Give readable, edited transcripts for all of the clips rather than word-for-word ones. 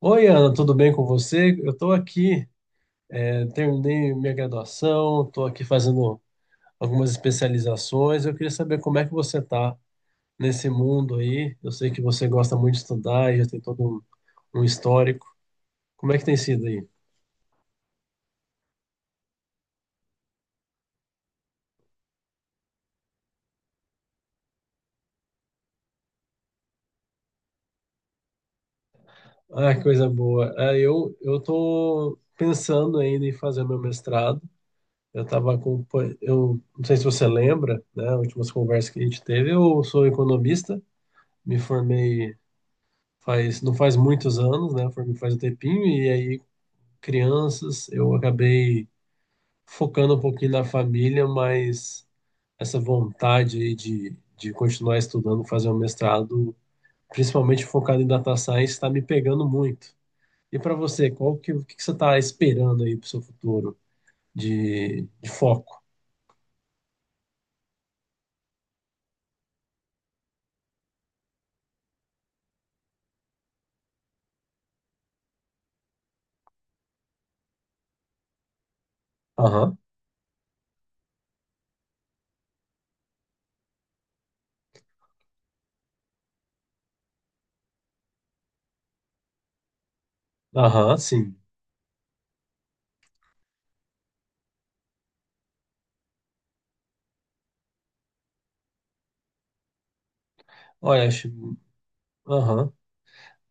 Oi, Ana, tudo bem com você? Eu estou aqui, terminei minha graduação, estou aqui fazendo algumas especializações. Eu queria saber como é que você está nesse mundo aí. Eu sei que você gosta muito de estudar e já tem todo um histórico. Como é que tem sido aí? Ah, que coisa boa. Ah, eu estou pensando ainda em fazer meu mestrado. Eu estava com, eu não sei se você lembra, né? Últimas conversas que a gente teve. Eu sou economista, me formei faz, não faz muitos anos, né? Foi, faz um tempinho, e aí crianças, eu acabei focando um pouquinho na família, mas essa vontade aí de continuar estudando, fazer um mestrado, principalmente focado em data science, está me pegando muito. E para você, qual que, o que que você está esperando aí para o seu futuro de foco? Aham, aham, sim. Olha, acho, aham.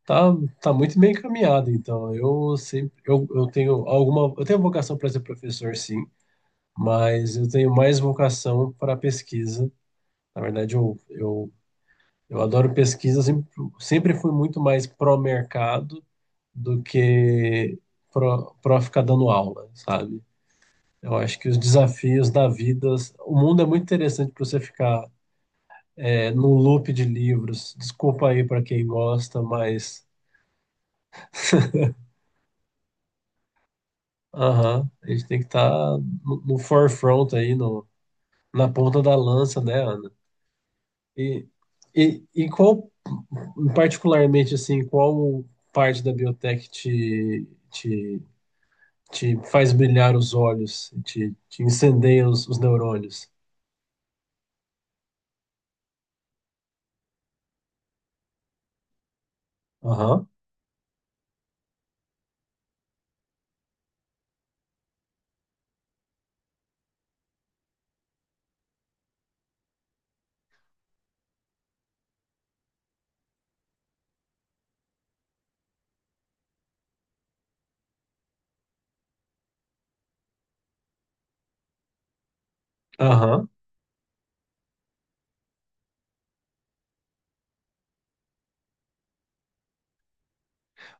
Tá, tá muito bem encaminhado, então. Eu sempre, eu tenho alguma, eu tenho vocação para ser professor, sim, mas eu tenho mais vocação para pesquisa. Na verdade, eu adoro pesquisa, sempre fui muito mais pró-mercado do que pró ficar dando aula, sabe? Eu acho que os desafios da vida, o mundo é muito interessante para você ficar num loop de livros. Desculpa aí para quem gosta, mas aham, a gente tem que estar no forefront aí, no, na ponta da lança, né, Ana? E, e qual, particularmente, assim, qual parte da biotech te faz brilhar os olhos, te incendeia os neurônios? Aham, aham.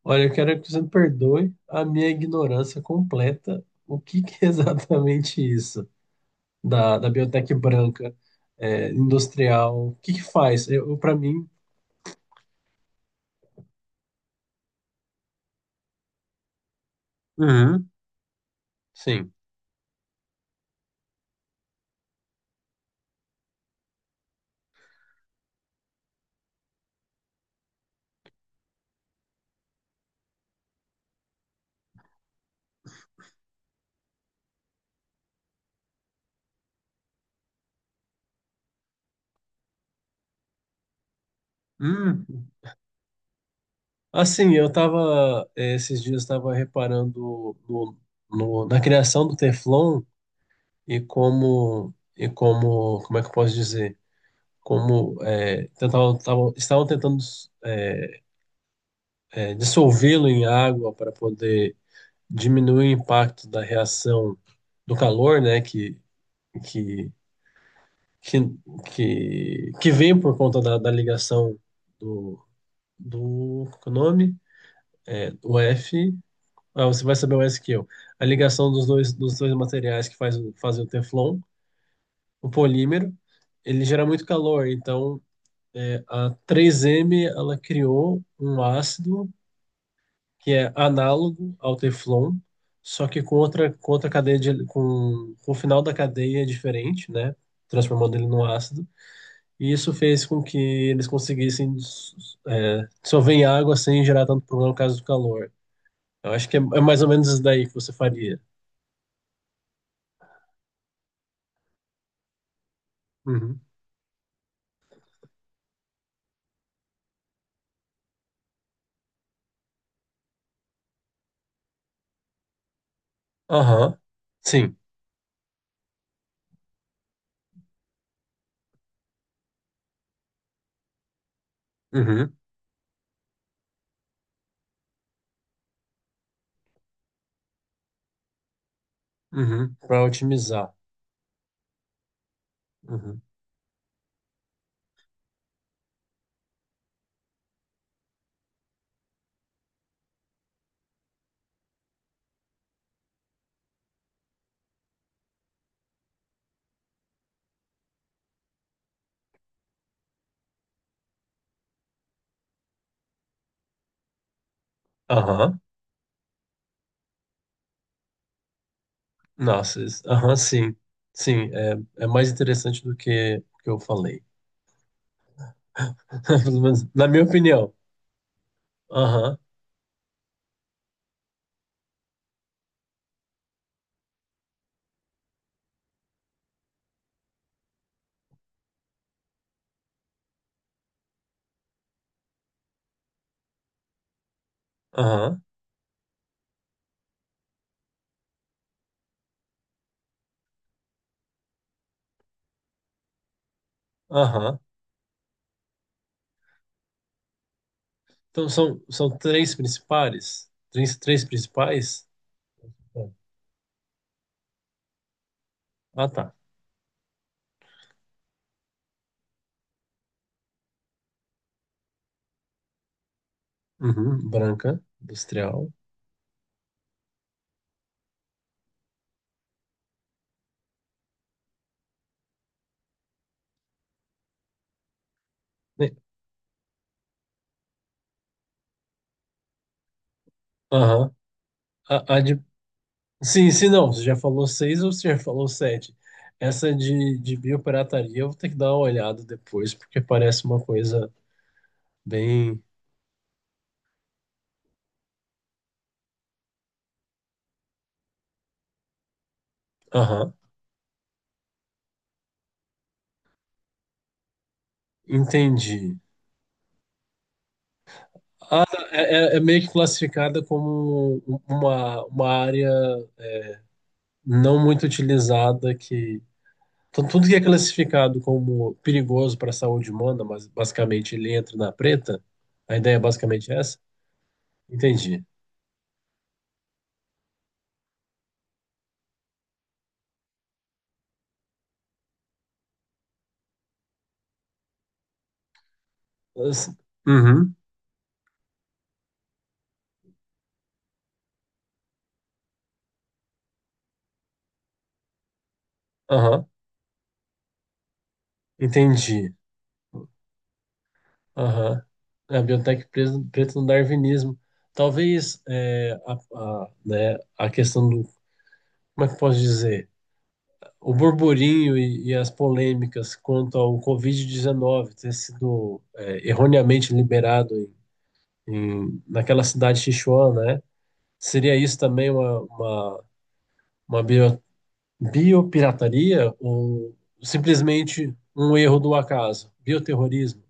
Olha, eu quero que você me perdoe a minha ignorância completa. O que que é exatamente isso da biotech branca, é, industrial? O que que faz? Eu, para mim uhum, sim. Hum. Assim, eu tava, esses dias estava reparando na criação do Teflon e como é que eu posso dizer? Como tentavam, estavam tentando dissolvê-lo em água para poder diminuir o impacto da reação do calor, né, que, que, que vem por conta da ligação do, do qual que é o nome? É, do F. Ah, você vai saber mais que eu. A ligação dos dois materiais que fazem o Teflon, o polímero, ele gera muito calor. Então, é, a 3M ela criou um ácido que é análogo ao Teflon, só que com outra cadeia de, com o final da cadeia diferente, né? Transformando ele num ácido. E isso fez com que eles conseguissem dissolver em água sem gerar tanto problema no caso do calor. Eu acho que é, é mais ou menos isso daí que você faria. Uhum. Aham. Sim. Uhum. Uhum. Para otimizar. Uhum. Aham. Nossa, isso- aham, sim. Sim, é, é mais interessante do que eu falei. Pelo menos na minha opinião. Aham. Aham. Aham. Então são, são três principais? Três, três principais? Ah, tá. Uhum. Branca, industrial. E- aham. A de sim, sim, não. Você já falou seis ou você já falou sete? Essa de biopirataria eu vou ter que dar uma olhada depois, porque parece uma coisa bem. Aham, entendi. É, é meio que classificada como um, uma área não muito utilizada que. Tudo que é classificado como perigoso para a saúde humana, mas basicamente ele entra na preta. A ideia é basicamente essa? Entendi. As- uhum, aham, entendi. Aham. É, a biotech preta no darwinismo. Talvez é, a, né, a questão do, como é que eu posso dizer? O burburinho e as polêmicas quanto ao Covid-19 ter sido é, erroneamente liberado em, naquela cidade de Sichuan, né? Seria isso também uma bio, biopirataria ou simplesmente um erro do acaso? Bioterrorismo?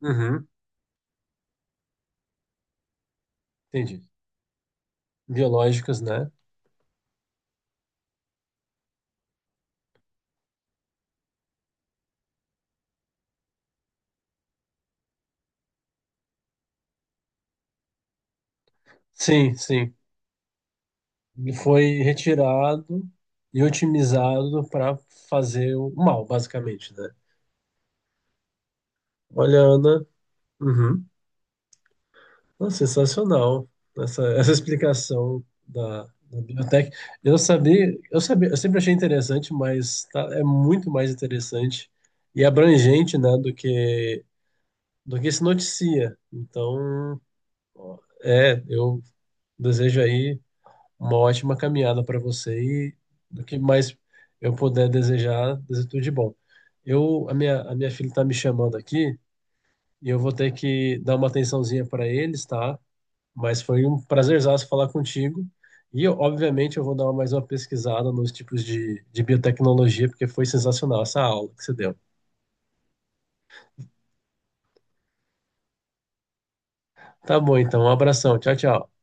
Uhum. Entendi. Biológicas, né? Sim, sim. Ele foi retirado e otimizado para fazer o mal, basicamente, né? Olha, Ana, uhum. Nossa, sensacional essa explicação da biblioteca. Eu sempre achei interessante, mas é muito mais interessante e abrangente, né, do que se noticia. Então, ó, é, eu desejo aí uma ótima caminhada para você e do que mais eu puder desejar, desejo tudo de bom. Eu, a minha filha está me chamando aqui e eu vou ter que dar uma atençãozinha para eles, tá? Mas foi um prazerzaço falar contigo. E, eu, obviamente, eu vou dar mais uma pesquisada nos tipos de biotecnologia, porque foi sensacional essa aula que você deu. Tá bom, então, um abração. Tchau, tchau.